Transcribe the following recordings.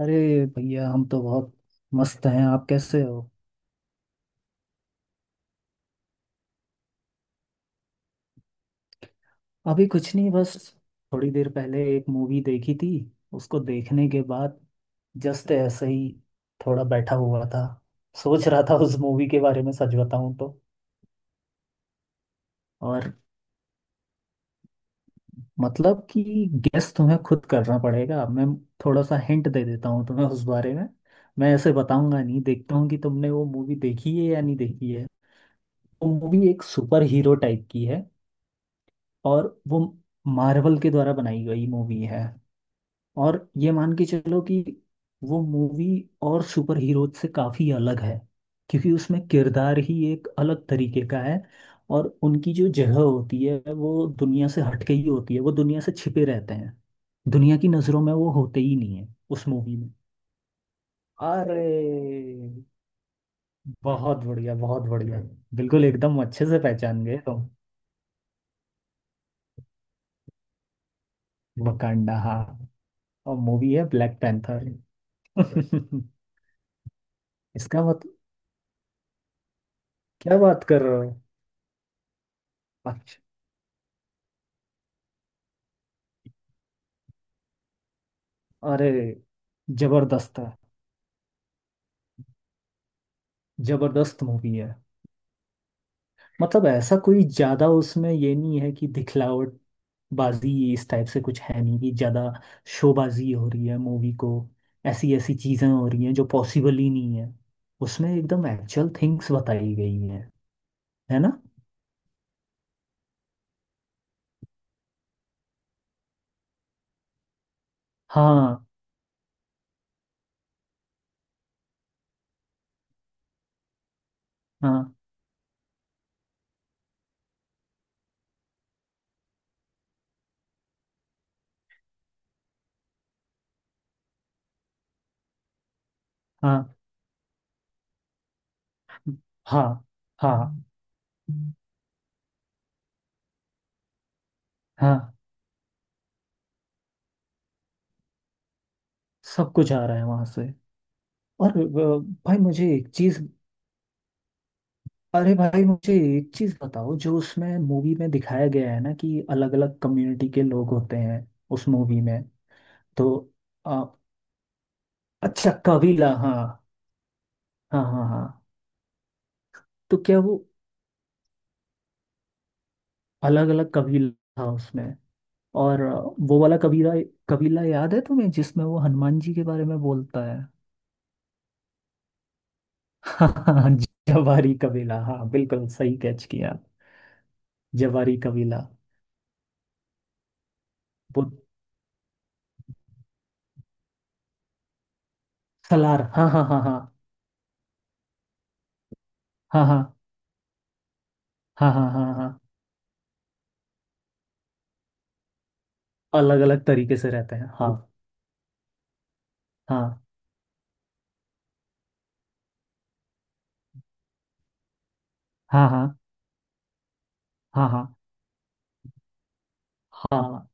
अरे, भैया हम तो बहुत मस्त हैं। आप कैसे हो। अभी कुछ नहीं, बस थोड़ी देर पहले एक मूवी देखी थी। उसको देखने के बाद जस्ट ऐसे ही थोड़ा बैठा हुआ था। सोच रहा था उस मूवी के बारे में, सच बताऊं तो। और मतलब कि गेस तुम्हें खुद करना पड़ेगा। मैं थोड़ा सा हिंट दे देता हूँ तुम्हें उस बारे में। मैं ऐसे बताऊंगा नहीं, देखता हूँ कि तुमने वो मूवी देखी है या नहीं देखी है। वो मूवी एक सुपर हीरो टाइप की है। और वो मार्वल के द्वारा बनाई गई मूवी है। और ये मान के चलो कि वो मूवी और सुपर हीरो से काफ़ी अलग है। क्योंकि उसमें किरदार ही एक अलग तरीके का है। और उनकी जो जगह होती है वो दुनिया से हटके ही होती है। वो दुनिया से छिपे रहते हैं। दुनिया की नज़रों में वो होते ही नहीं है उस मूवी में। अरे, बहुत बढ़िया, बहुत बढ़िया। बिल्कुल एकदम अच्छे से पहचान गए तुम। वकांडा, हाँ। और मूवी है ब्लैक पैंथर। इसका मत क्या बात कर रहे हो। अच्छा। अरे, जबरदस्त है। जबरदस्त मूवी है। मतलब ऐसा कोई ज्यादा उसमें ये नहीं है कि दिखलावट बाजी इस टाइप से कुछ है नहीं, कि ज्यादा शोबाजी हो रही है मूवी को। ऐसी ऐसी चीजें हो रही हैं जो पॉसिबल ही नहीं है। उसमें एकदम एक्चुअल थिंग्स बताई गई हैं। है ना। हाँ, हाँ। हाँ, हाँ। हाँ, हाँ। सब कुछ आ रहा है वहां से। और भाई मुझे एक चीज, अरे भाई मुझे एक चीज बताओ, जो उसमें मूवी में दिखाया गया है ना कि अलग अलग कम्युनिटी के लोग होते हैं उस मूवी में। तो आ, अच्छा, कबीला, हाँ। हाँ, हाँ, हाँ। तो क्या वो अलग अलग कबीला था उसमें। और वो वाला कबीला, कबीला याद है तुम्हें जिसमें वो हनुमान जी के बारे में बोलता है। हाँ। जवारी कबीला, हाँ, बिल्कुल सही कैच किया। जवारी कबीला। वो सलार, हाँ, हाँ, हाँ, हाँ। हाँ, हाँ। हाँ, हाँ, हाँ, हाँ। अलग अलग तरीके से रहते हैं, हाँ। हाँ, हाँ, हाँ। हाँ, हाँ, हाँ।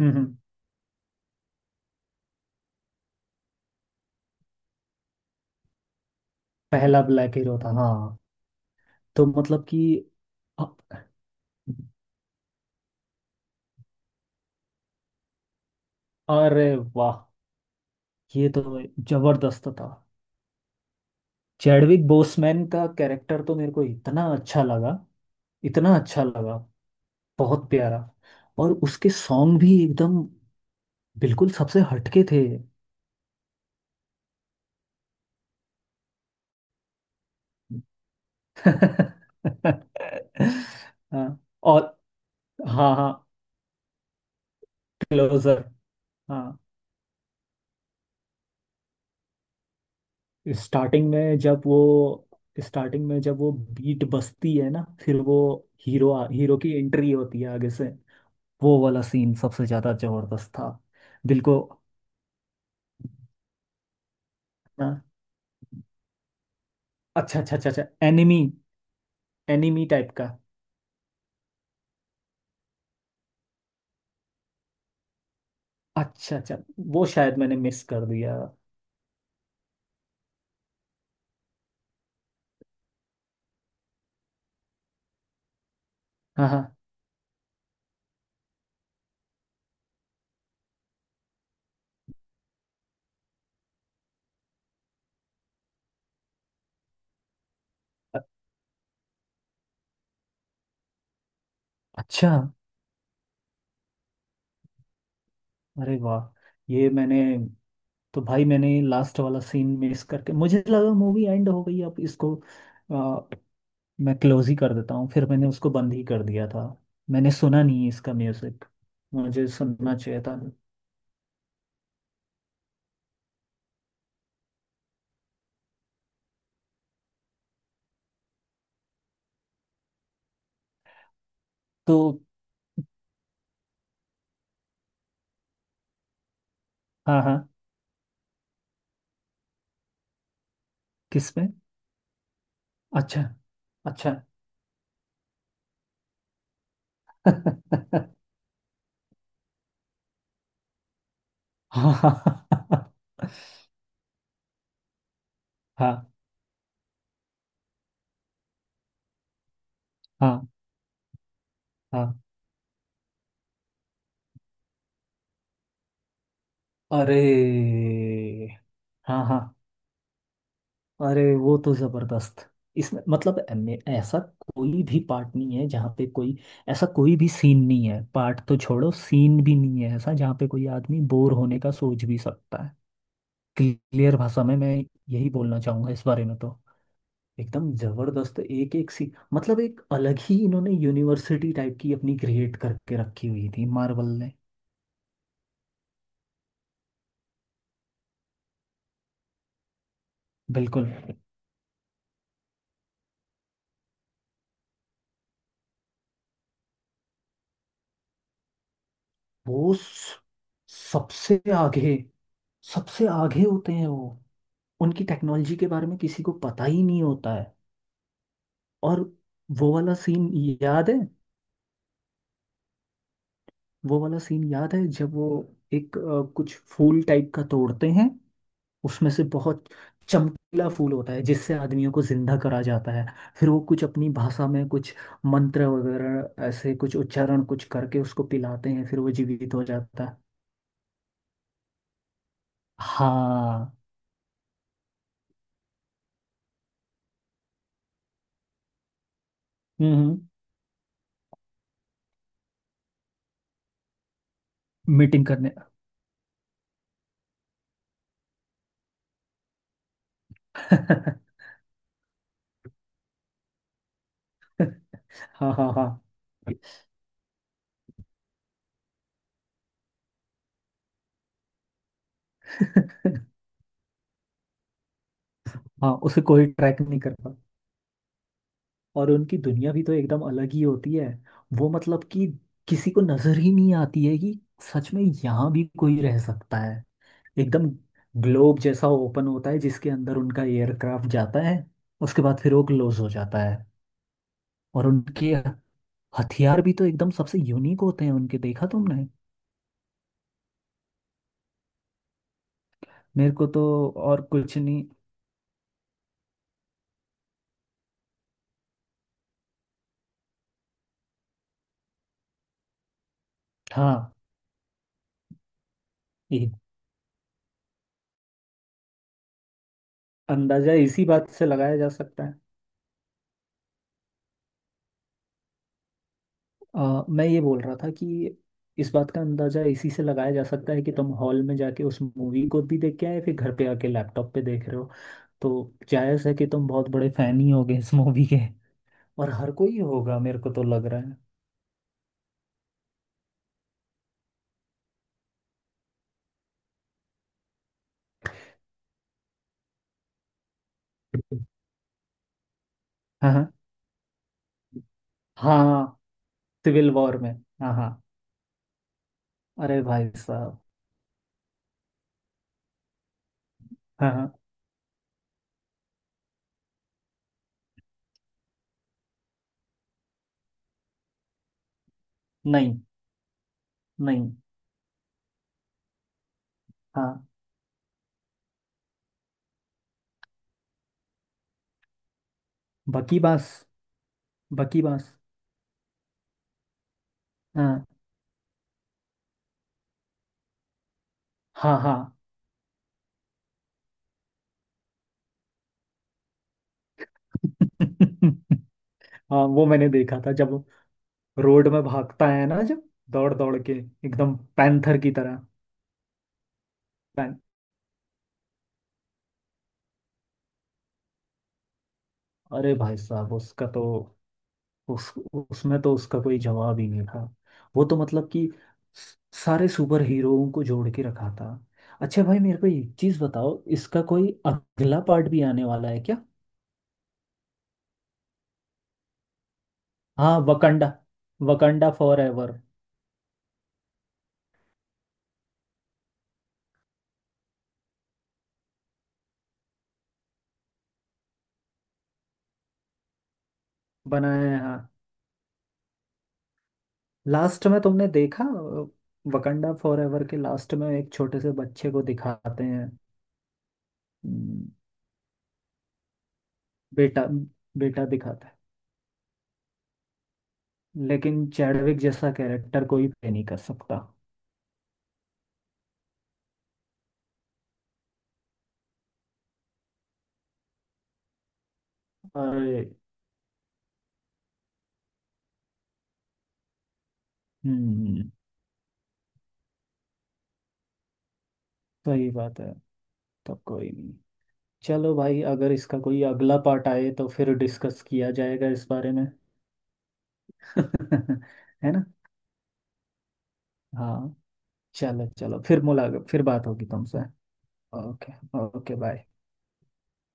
हम्म, हम्म। पहला ब्लैक हीरो था, हाँ। तो मतलब कि अ- अरे वाह, ये तो जबरदस्त था। चैडविक बोसमैन का कैरेक्टर तो मेरे को इतना अच्छा लगा, इतना अच्छा लगा, बहुत प्यारा। और उसके सॉन्ग भी एकदम बिल्कुल सबसे हटके थे। हाँ। और, हाँ, हाँ, क्लोजर। हाँ। स्टार्टिंग में जब वो स्टार्टिंग में जब वो बीट बजती है ना, फिर वो हीरो हीरो की एंट्री होती है आगे से। वो वाला सीन सबसे ज्यादा जबरदस्त था। दिल को, हाँ। अच्छा, अच्छा, अच्छा, अच्छा, एनिमी, एनिमी टाइप का। अच्छा, अच्छा। वो शायद मैंने मिस कर दिया। हाँ, हाँ। अ- अच्छा। अरे वाह। ये मैंने तो भाई मैंने लास्ट वाला सीन मिस करके मुझे लगा मूवी एंड हो गई, अब इसको मैं क्लोज ही कर देता हूँ। फिर मैंने उसको बंद ही कर दिया था। मैंने सुना नहीं इसका म्यूजिक। मुझे सुनना चाहिए था। तो हाँ, हाँ। किस में। अच्छा, अच्छा। हाँ, हाँ, हाँ, हाँ, हाँ। अरे, हाँ, हाँ। अरे, वो तो जबरदस्त। इसमें मतलब ऐसा कोई भी पार्ट नहीं है जहाँ पे कोई ऐसा कोई भी सीन नहीं है। पार्ट तो छोड़ो, सीन भी नहीं है ऐसा जहाँ पे कोई आदमी बोर होने का सोच भी सकता है। क्लियर भाषा में मैं यही बोलना चाहूंगा इस बारे में। तो एकदम जबरदस्त, एक एक सी मतलब एक अलग ही इन्होंने यूनिवर्सिटी टाइप की अपनी क्रिएट करके रखी हुई थी मार्वल ने। बिल्कुल। वो स- सबसे आगे, सबसे आगे होते हैं वो। उनकी टेक्नोलॉजी के बारे में किसी को पता ही नहीं होता है। और वो वाला सीन याद है वो वाला सीन याद है जब वो एक कुछ फूल टाइप का तोड़ते हैं। उसमें से बहुत चमकीला फूल होता है जिससे आदमियों को जिंदा करा जाता है। फिर वो कुछ अपनी भाषा में कुछ मंत्र वगैरह ऐसे कुछ उच्चारण कुछ करके उसको पिलाते हैं, फिर वो जीवित हो जाता है। हाँ। हम्म मीटिंग करने। हाँ, हाँ, हाँ। हाँ, उसे कोई ट्रैक नहीं करता। और उनकी दुनिया भी तो एकदम अलग ही होती है। वो मतलब कि किसी को नजर ही नहीं आती है कि सच में यहाँ भी कोई रह सकता है। एकदम ग्लोब जैसा ओपन होता है जिसके अंदर उनका एयरक्राफ्ट जाता है। उसके बाद फिर वो क्लोज हो जाता है। और उनके हथियार भी तो एकदम सबसे यूनिक होते हैं उनके, देखा तुमने। मेरे को तो और कुछ नहीं। हाँ। एक अंदाजा इसी बात से लगाया जा सकता है। मैं ये बोल रहा था कि इस बात का अंदाजा इसी से लगाया जा सकता है कि तुम हॉल में जाके उस मूवी को भी देख के आए, फिर घर पे आके लैपटॉप पे देख रहे हो। तो जायज़ है कि तुम बहुत बड़े फैन ही होगे इस मूवी के। और हर कोई होगा, मेरे को तो लग रहा है। हाँ, हाँ, हाँ। हाँ, सिविल वॉर में। हाँ, हाँ। अरे भाई साहब। हाँ, हाँ। नहीं, नहीं। हाँ, बकी बास, बकी बास। हाँ, हाँ, हाँ। हाँ, वो मैंने देखा था जब रोड में भागता है ना, जब दौड़ दौड़ के एकदम पैंथर की तरह। पैं अरे भाई साहब, उसका तो, उस उसमें तो उसका कोई जवाब ही नहीं था। वो तो मतलब कि स- सारे सुपर हीरोओं को जोड़ के रखा था। अच्छा भाई, मेरे को एक चीज बताओ, इसका कोई अगला पार्ट भी आने वाला है क्या। हाँ, वकंडा, वकंडा फॉर एवर। बनाया है, हाँ। लास्ट में तुमने देखा, वकंडा फॉर एवर के लास्ट में एक छोटे से बच्चे को दिखाते हैं। हम्म। बेटा बेटा दिखाता है लेकिन चैडविक जैसा कैरेक्टर कोई प्ले नहीं कर सकता। अरे। हम्म। सही बात है। तो कोई नहीं, चलो भाई, अगर इसका कोई अगला पार्ट आए तो फिर डिस्कस किया जाएगा इस बारे में। है ना। हाँ। चलो, चलो फिर मुलाकात, फिर बात होगी तुमसे। ओके। Okay, bye.